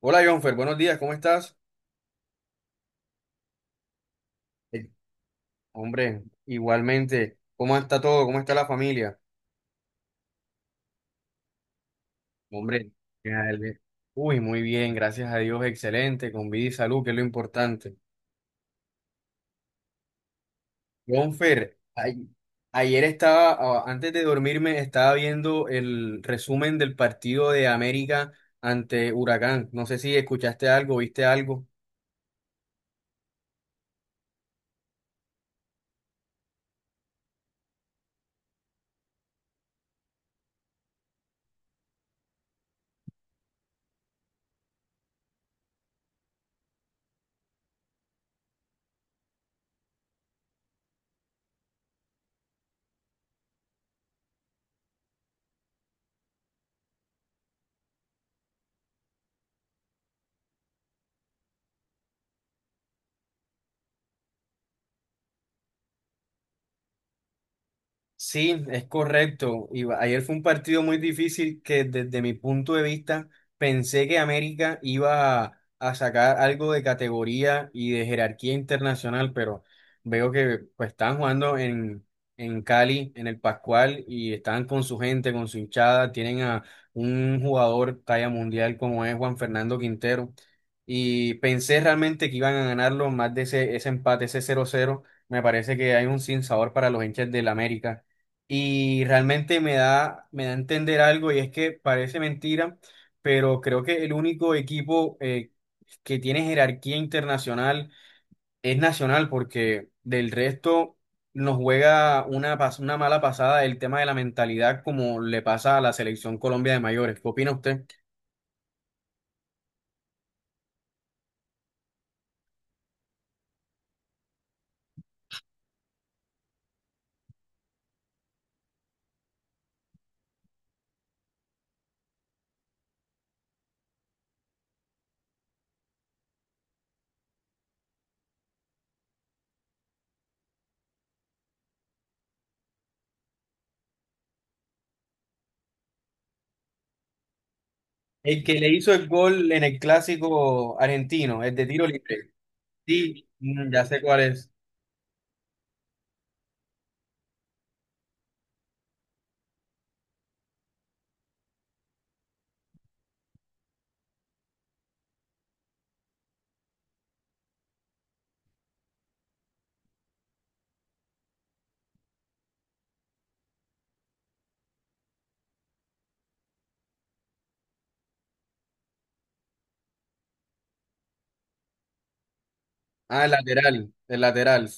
Hola, Jonfer, buenos días, ¿cómo estás? Eh, Hombre, igualmente, ¿cómo está todo? ¿Cómo está la familia? Hombre, ya, el- muy bien, gracias a Dios, excelente, con vida y salud, que es lo importante. Jonfer, ayer estaba, antes de dormirme, estaba viendo el resumen del partido de América ante Huracán. No sé si escuchaste algo, viste algo. Sí, es correcto. Ayer fue un partido muy difícil que, desde mi punto de vista, pensé que América iba a sacar algo de categoría y de jerarquía internacional, pero veo que pues están jugando en Cali, en el Pascual, y están con su gente, con su hinchada, tienen a un jugador talla mundial como es Juan Fernando Quintero. Y pensé realmente que iban a ganarlo más de ese empate, ese 0-0. Me parece que hay un sinsabor para los hinchas del América, y realmente me da a entender algo, y es que parece mentira, pero creo que el único equipo que tiene jerarquía internacional es Nacional, porque del resto nos juega una mala pasada el tema de la mentalidad, como le pasa a la selección Colombia de mayores. ¿Qué opina usted? El que le hizo el gol en el clásico argentino, el de tiro libre. Sí, ya sé cuál es. Ah, el lateral, el lateral.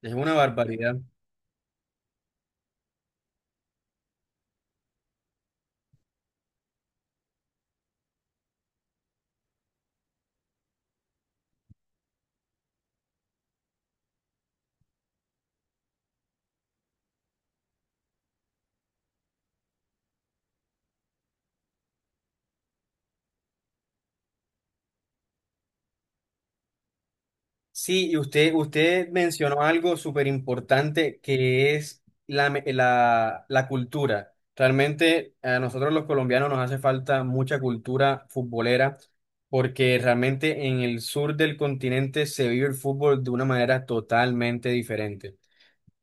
Es una barbaridad. Sí, usted mencionó algo súper importante que es la cultura. Realmente a nosotros los colombianos nos hace falta mucha cultura futbolera, porque realmente en el sur del continente se vive el fútbol de una manera totalmente diferente.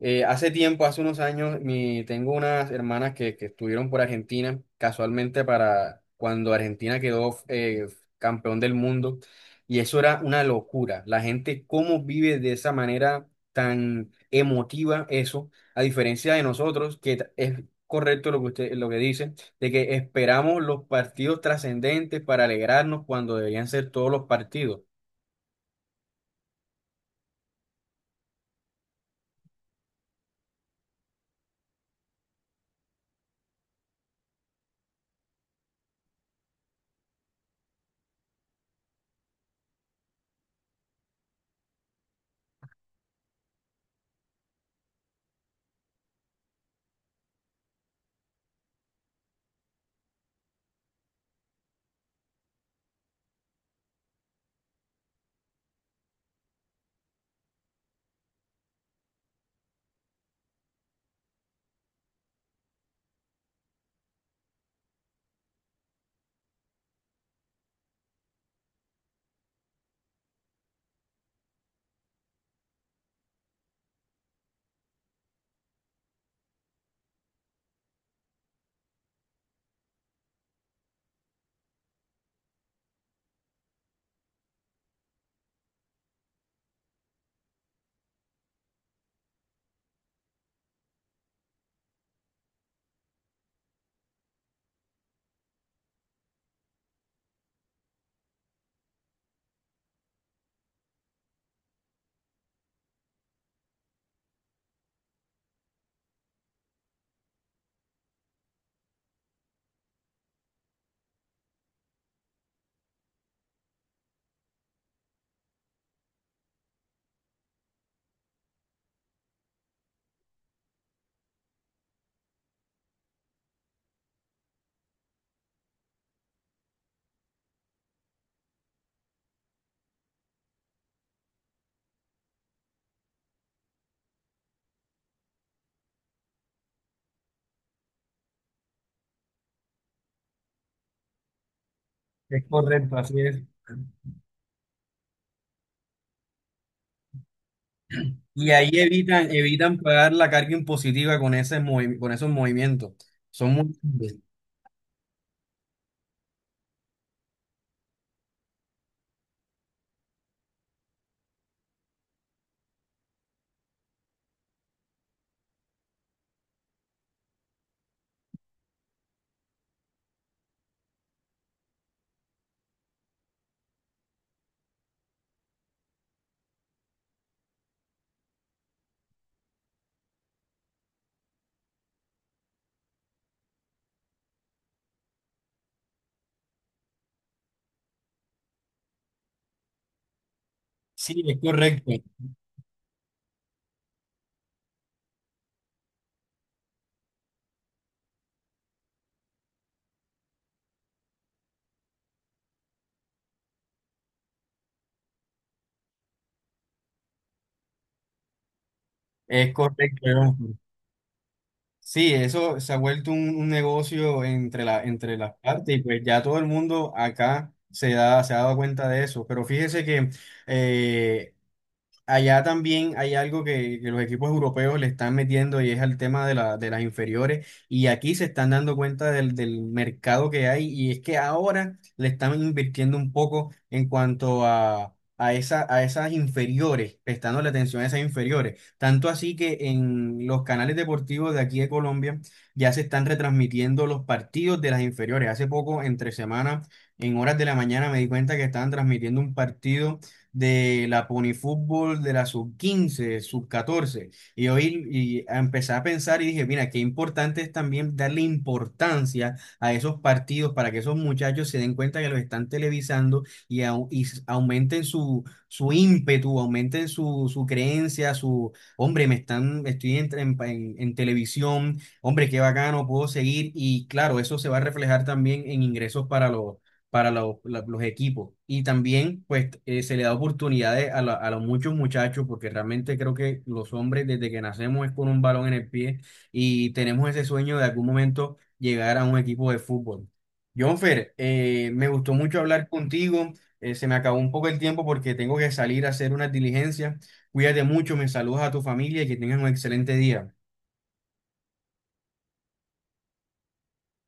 Hace tiempo, hace unos años, tengo unas hermanas que estuvieron por Argentina, casualmente para cuando Argentina quedó campeón del mundo, y eso era una locura. La gente, cómo vive de esa manera tan emotiva eso, a diferencia de nosotros, es correcto lo que usted, lo que dice, de que esperamos los partidos trascendentes para alegrarnos cuando deberían ser todos los partidos. Es correcto, así es. Y ahí evitan pagar la carga impositiva con con esos movimientos. Son muy... Sí, es correcto. Es correcto, Jonfer. Sí, eso se ha vuelto un negocio entre entre las partes, y pues ya todo el mundo acá se ha dado cuenta de eso. Pero fíjese que eh, allá también hay algo que los equipos europeos le están metiendo, y es el tema de, la- de las inferiores. Y aquí se están dando cuenta del mercado que hay, y es que ahora le están invirtiendo un poco en cuanto a, esa, a esas inferiores, prestando la atención a esas inferiores. Tanto así que en los canales deportivos de aquí de Colombia ya se están retransmitiendo los partidos de las inferiores. Hace poco, entre semana, en horas de la mañana, me di cuenta que estaban transmitiendo un partido de la Pony Fútbol, de la sub 15, sub 14. Y hoy y empecé a pensar y dije, mira, qué importante es también darle importancia a esos partidos, para que esos muchachos se den cuenta que los están televisando y, au- y s- aumenten su ímpetu, aumenten su creencia, su, hombre, me están, estoy en televisión, hombre, qué bacano, puedo seguir. Y claro, eso se va a reflejar también en ingresos para los los equipos. Y también, pues, se le da oportunidades a, la- a los muchos muchachos, porque realmente creo que los hombres, desde que nacemos, es con un balón en el pie, y tenemos ese sueño de algún momento llegar a un equipo de fútbol. Jonfer, me gustó mucho hablar contigo. Se me acabó un poco el tiempo porque tengo que salir a hacer unas diligencias. Cuídate mucho, me saludas a tu familia, y que tengas un excelente día.